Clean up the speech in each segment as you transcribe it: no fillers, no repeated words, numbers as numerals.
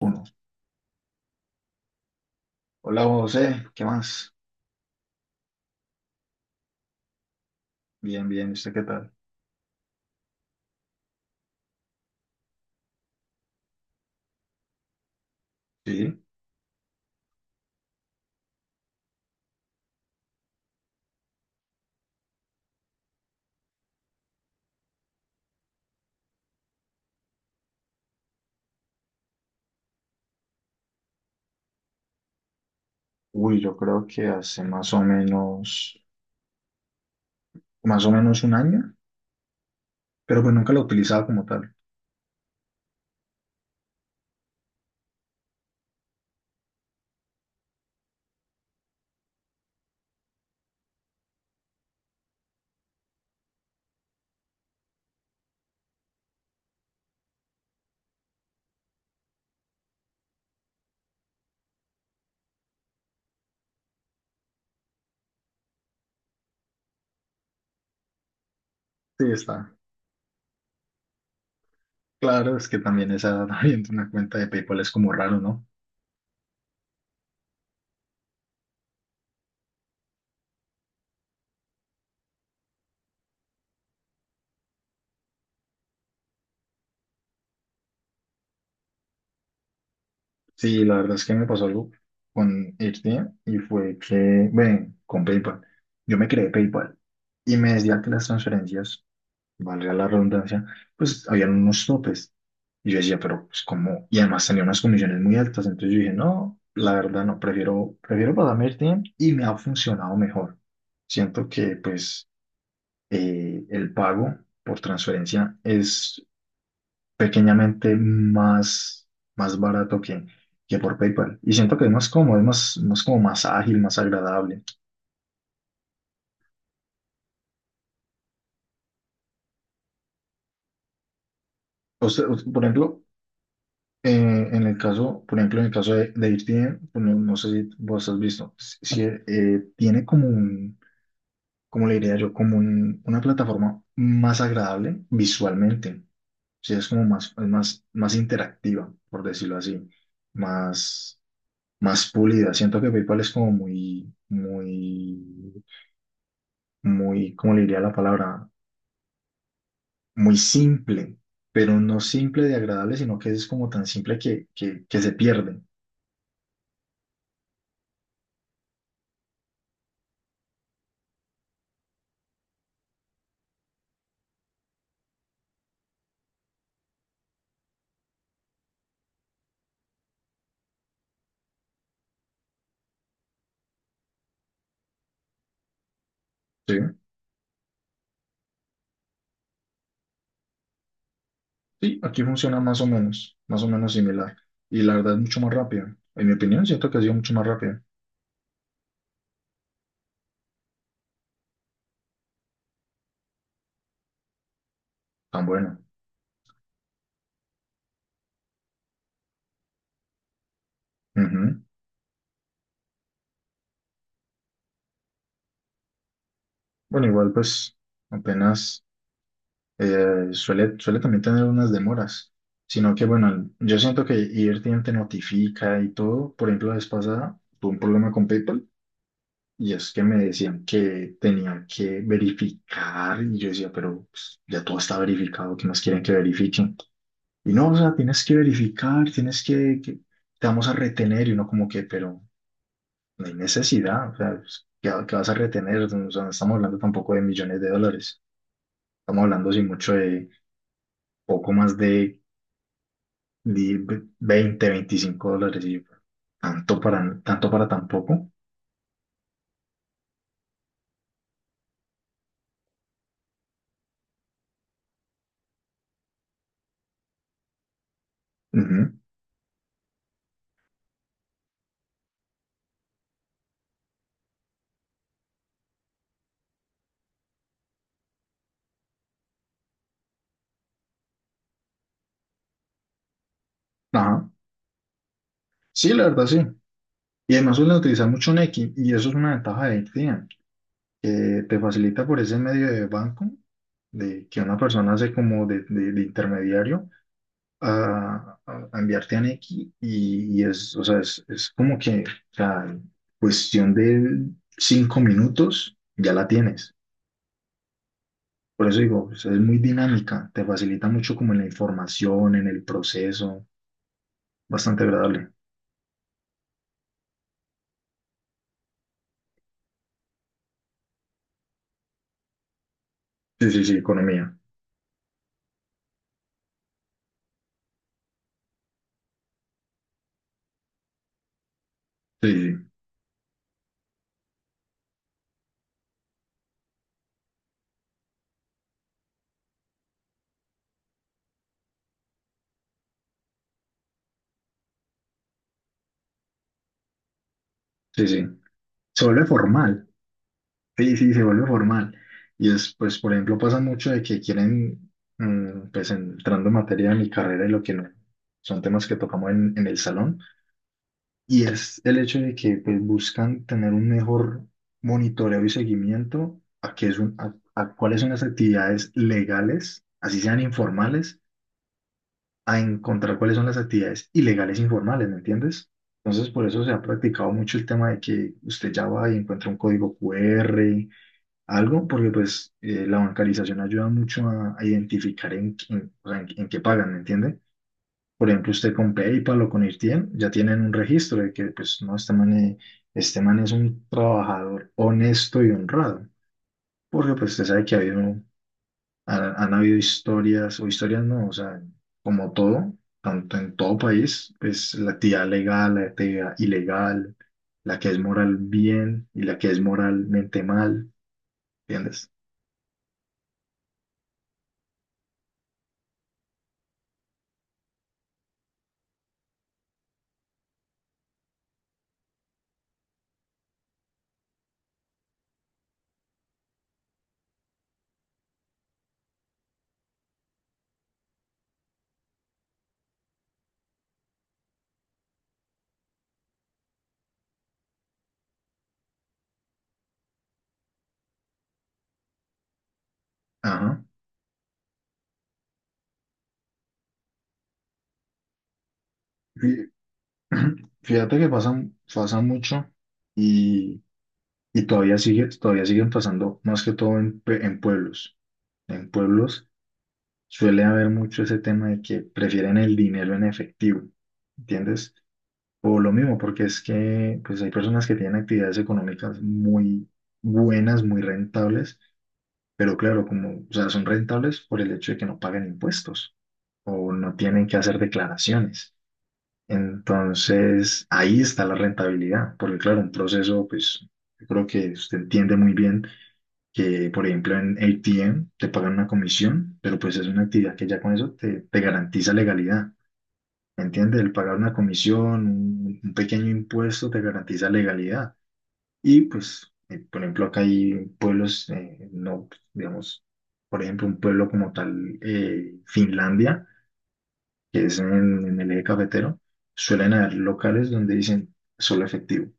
Uno. Hola José, ¿qué más? Bien, bien, ¿y usted qué tal? Sí. Uy, yo creo que hace más o menos un año, pero pues nunca lo he utilizado como tal. Sí, está. Claro, es que también esa edad abriendo una cuenta de PayPal es como raro, ¿no? Sí, la verdad es que me pasó algo con Irtia y fue que, bueno, con PayPal. Yo me creé PayPal y me decía que las transferencias, valga la redundancia, pues habían unos topes. Y yo decía, pero pues como, y además tenía unas comisiones muy altas, entonces yo dije, no, la verdad no, prefiero pasarme el tiempo y me ha funcionado mejor. Siento que pues el pago por transferencia es pequeñamente más barato que por PayPal. Y siento que es más cómodo, es más como más ágil, más agradable. O sea, por ejemplo, Eh, en el caso, por ejemplo, en el caso de ESPN, pues, no, no sé si vos has visto, si, si, tiene como como le diría yo, como una plataforma más agradable visualmente, sí es como más, es más interactiva, por decirlo así, más, más pulida. Siento que PayPal es como muy, muy, muy, ¿cómo le diría la palabra? Muy simple, pero no simple de agradable, sino que es como tan simple que se pierde, ¿sí? Sí, aquí funciona más o menos similar. Y la verdad es mucho más rápida. En mi opinión, siento que ha sido mucho más rápida. Tan bueno. Ujú. Bueno, igual pues apenas suele también tener unas demoras. Sino que bueno, yo siento que IRTM te notifica y todo. Por ejemplo, la vez pasada tuve un problema con PayPal y es que me decían que tenía que verificar y yo decía, pero pues, ya todo está verificado, ¿qué más quieren que verifique? Y no, o sea, tienes que verificar, tienes te vamos a retener y uno como que, pero no hay necesidad, o sea, pues, ¿ qué vas a retener? O sea, no estamos hablando tampoco de millones de dólares, estamos hablando sin mucho de poco más de, di- 20, $25 y yo, tanto para, tanto para tampoco. Ujú. Ajá. Sí, la verdad sí. Y además suelen utilizar mucho Nequi y eso es una ventaja de AirTM, que te facilita por ese medio de banco de que una persona hace como de intermediario a enviarte a Nequi y es, o sea, es como que, o sea, en cuestión de 5 minutos ya la tienes. Por eso digo, o sea, es muy dinámica, te facilita mucho como en la información, en el proceso, bastante agradable. Sí, sí, sí, economía. Sí, sí, sí, sí. Se vuelve formal. Sí, sí, se vuelve formal. Y es, pues, por ejemplo, pasa mucho de que quieren, mm, pues, entrando en materia de mi carrera y lo que no, son temas que tocamos en el salón. Y es el hecho de que pues, buscan tener un mejor monitoreo y seguimiento a, a cuáles son las actividades legales, así sean informales, a encontrar cuáles son las actividades ilegales informales, ¿me entiendes? Entonces, por eso se ha practicado mucho el tema de que usted ya va y encuentra un código Q R algo, porque pues la bancarización ayuda mucho a identificar o sea, en qué pagan, ¿me entiende? Por ejemplo, usted con PayPal o con Irtiem ya tienen un registro de que, pues, no, este man es un trabajador honesto y honrado. Porque, pues, usted sabe que ha habido, han habido historias, o historias no, o sea, como todo, tanto en todo país, pues, la actividad legal, la actividad ilegal, la que es moral bien y la que es moralmente mal, ¿entiendes? Ajá. Fí- Fíjate que pasa, pasa mucho y. Y todavía sigue, todavía siguen pasando, más que todo en, en pueblos. En pueblos suele haber mucho ese tema de que prefieren el dinero en efectivo, ¿entiendes? O lo mismo, porque es que pues hay personas que tienen actividades económicas muy buenas, muy rentables, pero claro, como, o sea, son rentables por el hecho de que no pagan impuestos o no tienen que hacer declaraciones. Entonces, ahí está la rentabilidad, porque claro, un proceso, pues, yo creo que usted entiende muy bien que por ejemplo en ATM te pagan una comisión, pero pues es una actividad que ya con eso te, te garantiza legalidad, ¿me entiendes? El pagar una comisión, un pequeño impuesto te garantiza legalidad. Y pues, por ejemplo, acá hay pueblos, no, digamos, por ejemplo, un pueblo como tal, Finlandia, que es en el eje cafetero, suelen haber locales donde dicen solo efectivo.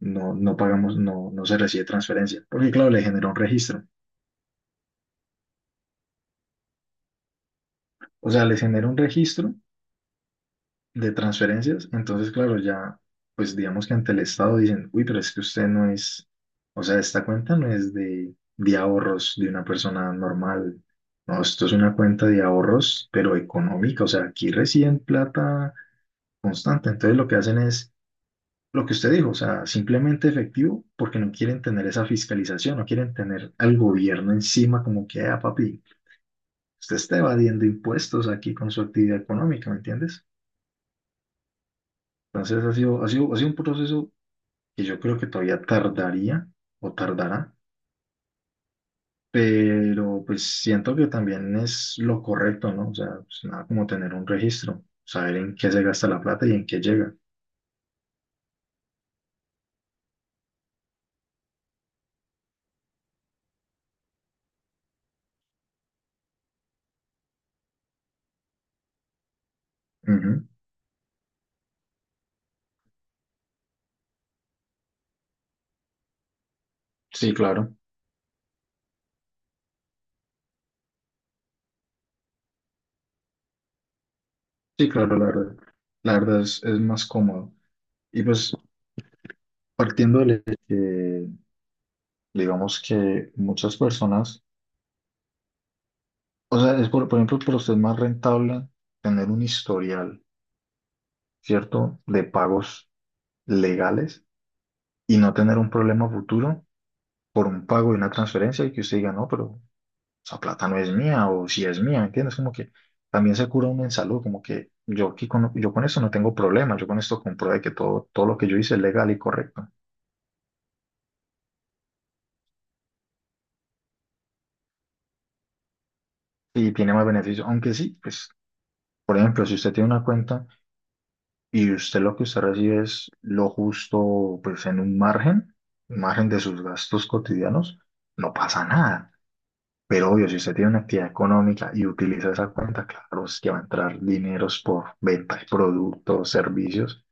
No, no pagamos, no, no se recibe transferencia, porque claro, le genera un registro. O sea, les genera un registro de transferencias, entonces claro, ya, pues digamos que ante el Estado dicen, uy, pero es que usted no es, o sea, esta cuenta no es de ahorros de una persona normal, no, esto es una cuenta de ahorros, pero económica, o sea, aquí reciben plata constante, entonces lo que hacen es lo que usted dijo, o sea, simplemente efectivo, porque no quieren tener esa fiscalización, no quieren tener al gobierno encima como que, ah, papi, usted está evadiendo impuestos aquí con su actividad económica, ¿me entiendes? Entonces ha sido un proceso que yo creo que todavía tardaría o tardará, pero pues siento que también es lo correcto, ¿no? O sea, pues, nada como tener un registro, saber en qué se gasta la plata y en qué llega. Ujú. Sí, claro. Sí, claro, la verdad. La verdad es más cómodo. Y pues partiendo de que, digamos que muchas personas, o sea, es por ejemplo, para usted es más rentable tener un historial, ¿cierto? De pagos legales y no tener un problema futuro por un pago y una transferencia y que usted diga, no, pero esa plata no es mía o si es mía, ¿me entiendes? Como que también se cura uno en salud, como que yo aquí con, yo con esto no tengo problema, yo con esto compruebe que todo, todo lo que yo hice es legal y correcto y tiene más beneficios, aunque sí, pues, por ejemplo, si usted tiene una cuenta y usted lo que usted recibe es lo justo, pues en un margen de sus gastos cotidianos, no pasa nada. Pero obvio, si usted tiene una actividad económica y utiliza esa cuenta, claro, es que va a entrar dineros por venta de productos, servicios.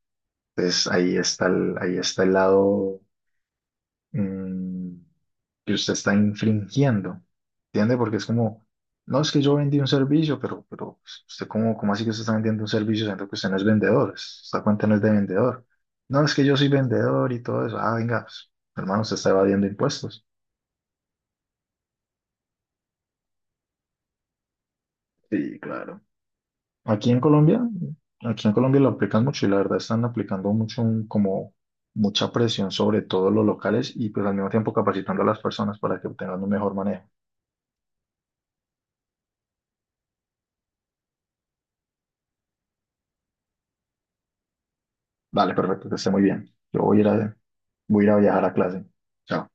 Entonces ahí está el lado mm, que usted está infringiendo. ¿Entiende? Porque es como, no es que yo vendí un servicio, pero usted como, ¿cómo así que usted está vendiendo un servicio siendo que usted no es vendedor? Esta cuenta no es de vendedor. No, es que yo soy vendedor y todo eso. Ah, venga, pues, hermano, usted está evadiendo impuestos. Sí, claro. Aquí en Colombia, aquí en Colombia lo aplican mucho y la verdad están aplicando mucho como mucha presión sobre todos los locales y pues al mismo tiempo capacitando a las personas para que obtengan un mejor manejo. Vale, perfecto, que esté muy bien. Yo voy a ir a, voy a ir a viajar a clase. Chao.